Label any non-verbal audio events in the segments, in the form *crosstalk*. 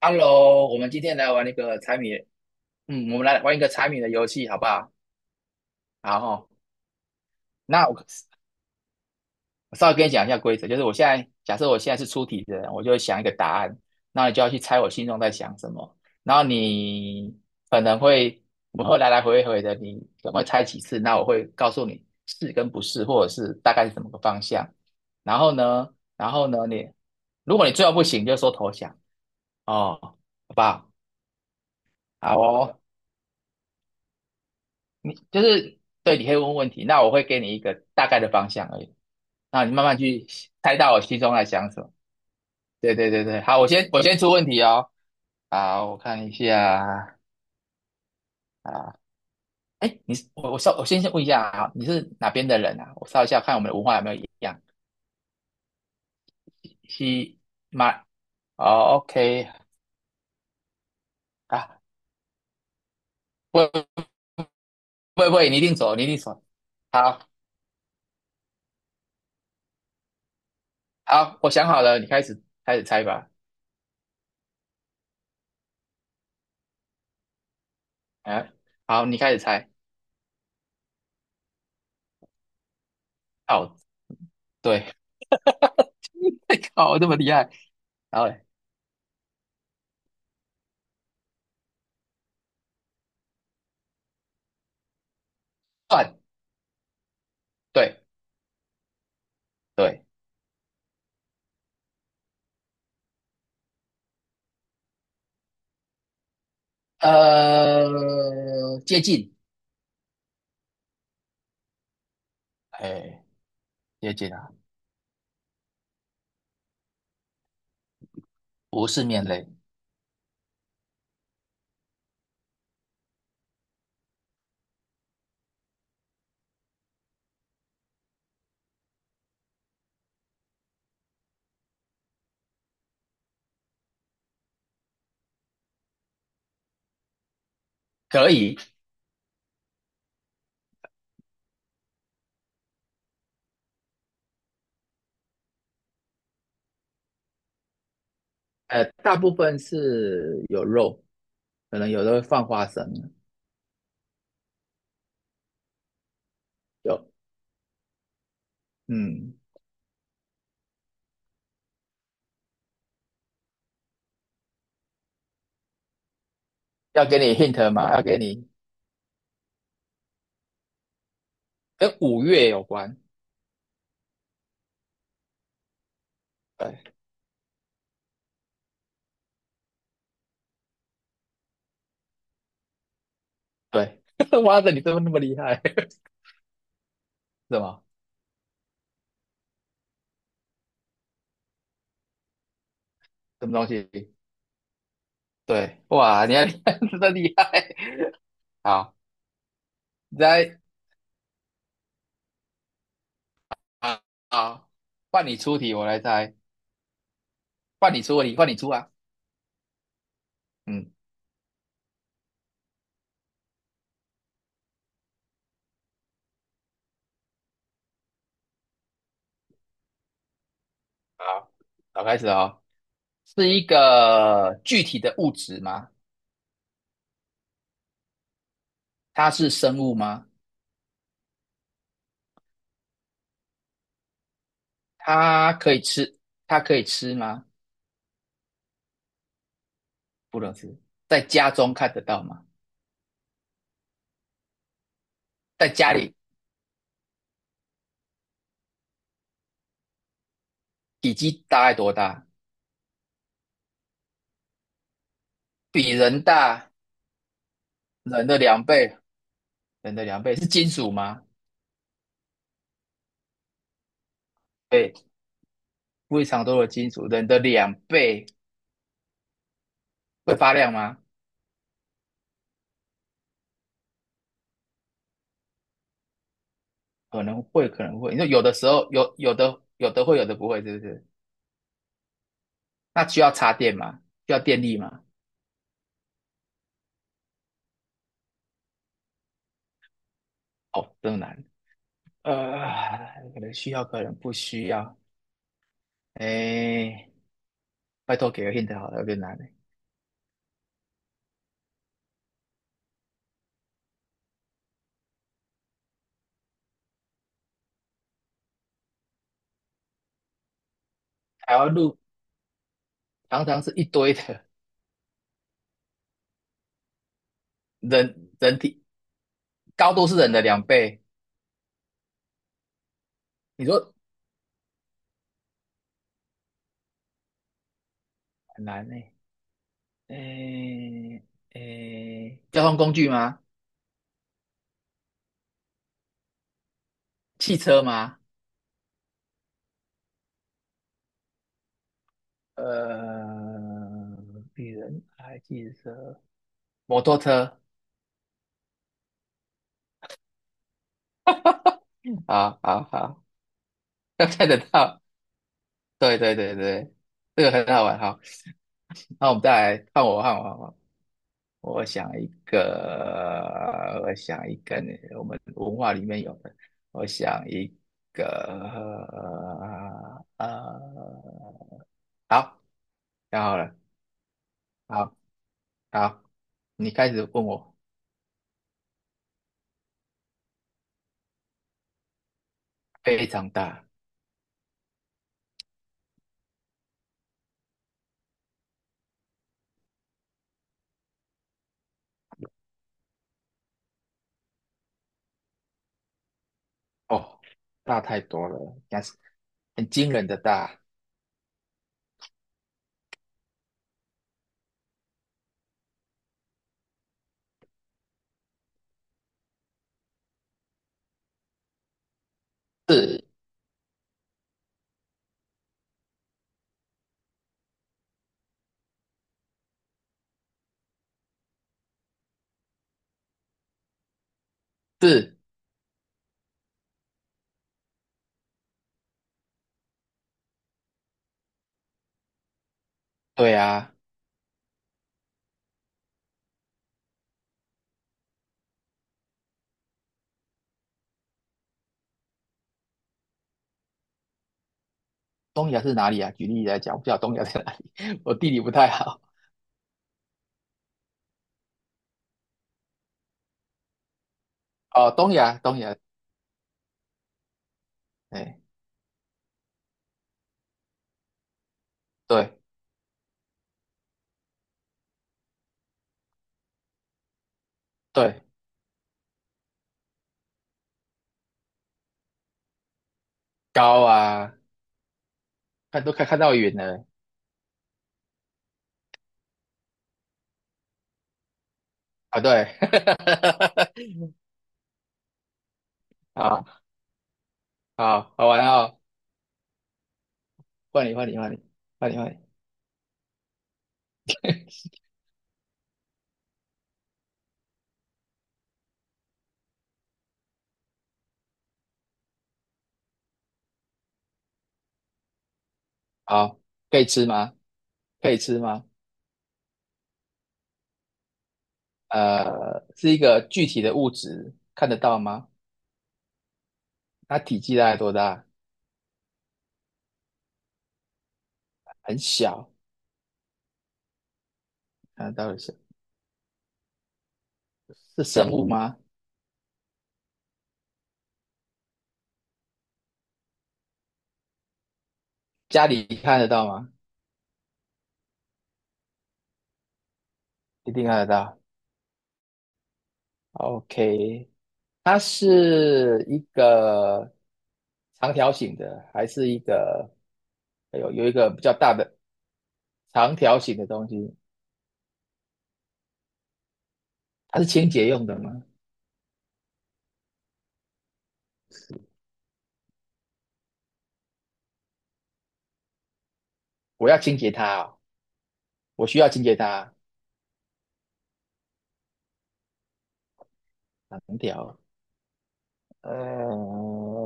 Hello,我们今天来玩一个猜谜，我们来玩一个猜谜的游戏，好不好？好哦。那我稍微跟你讲一下规则，就是我现在假设我现在是出题的人，我就会想一个答案，那你就要去猜我心中在想什么。然后你可能会我会来来回回的，你怎能会猜几次，那我会告诉你是跟不是，或者是大概是怎么个方向。然后呢，然后呢，如果你最后不行，就说投降哦，好不好？好哦。你就是对，你可以问问题，那我会给你一个大概的方向而已，那你慢慢去猜到我心中在想什么。对对对对，好，我先出问题哦。好，我看一下啊。哎，你是我我稍我先先问一下啊，你是哪边的人啊？我稍一下看我们的文化有没有一样。西马哦，OK 啊。不会不会不会，你一定走，你一定走。好好，我想好了，你开始开始猜吧。哎、好，你开始猜。哦，对，*laughs* 靠，这么厉害。然后嘞？算，对对。接近。哎，接近啊，不是面类。可以。大部分是有肉，可能有的会放花生。有。嗯，要给你 hint 嘛，要给你跟五月有关。对对，*laughs* 哇塞，你怎么那么厉害？什么什么东西？对，哇，你还 *laughs* 真的厉害。好。你再啊啊，好，换你出题，我来猜。换你出问题，换你出啊。嗯。好，好，开始哦。是一个具体的物质吗？它是生物吗？它可以吃，它可以吃吗？不能吃。在家中看得到吗？在家里体积大概多大？比人大，人的两倍，人的两倍，是金属吗？对，非常多的金属。人的两倍会发亮吗？可能会，可能会。你说有的时候有，有的会，有的不会，是不是？那需要插电吗？需要电力吗？哦，这么难。可能需要，可能不需要。哎，拜托给个 hint 好了，有点难欸。台湾路常常是一堆的，人体高度是人的两倍。你说很难呢？哎哎，交通工具吗？汽车吗？呃，比人还汽车，摩托车。好好好，要猜得到。对对对对，这个很好玩。好，那我们再来看我，看我，看我。我想一个，我想一个，我们文化里面有的。我想一个，呃，呃好，想好了。好，好，你开始问我。非常大。哦，大太多了，但是很惊人的大。是是，对啊。东亚是哪里啊？举例来讲，我不知道东亚在哪里，*laughs* 我地理不太好。哦，东亚，东亚。哎，对对，高啊，看都看看到云了。啊！对，*laughs* 好，好好玩哦！换你，换你，换你，换你，换你。好，可以吃吗？可以吃吗？是一个具体的物质，看得到吗？它体积大概多大？很小。看得到的是是生物吗？家里看得到吗？一定看得到。OK,它是一个长条形的，还是一个有一个比较大的长条形的东西？它是清洁用的吗？我要清洁它哦我需要清洁它。长条。呃，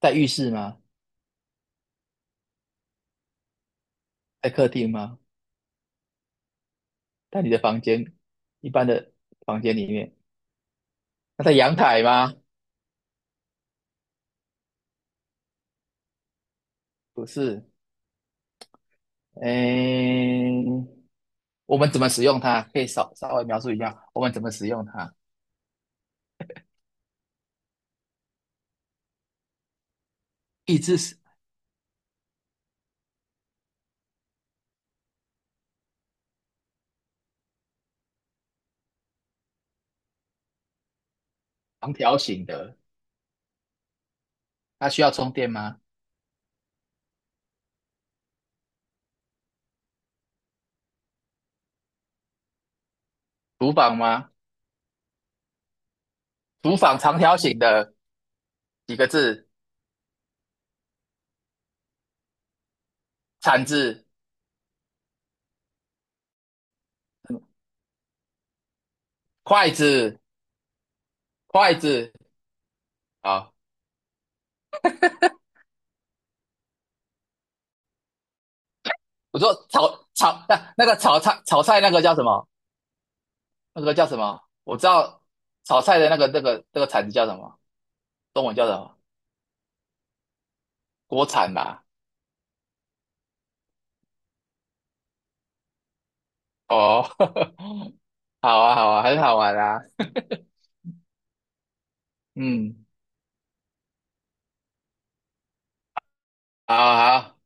在浴室吗？在客厅吗？在你的房间，一般的房间里面？那在阳台吗？不是。嗯，我们怎么使用它？可以稍微描述一下我们怎么使用它。一只是长条形的。它需要充电吗？厨房吗？厨房长条形的。几个字？铲子、筷子、筷子，好。我说那个炒菜那个叫什么？那个叫什么？我知道炒菜的那个铲子叫什么？中文叫什么？锅铲吧。哦，*laughs* 好啊，好啊，很好玩啊。*laughs* 嗯，好好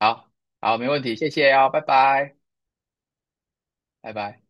好好，没问题，谢谢哦，拜拜，拜拜。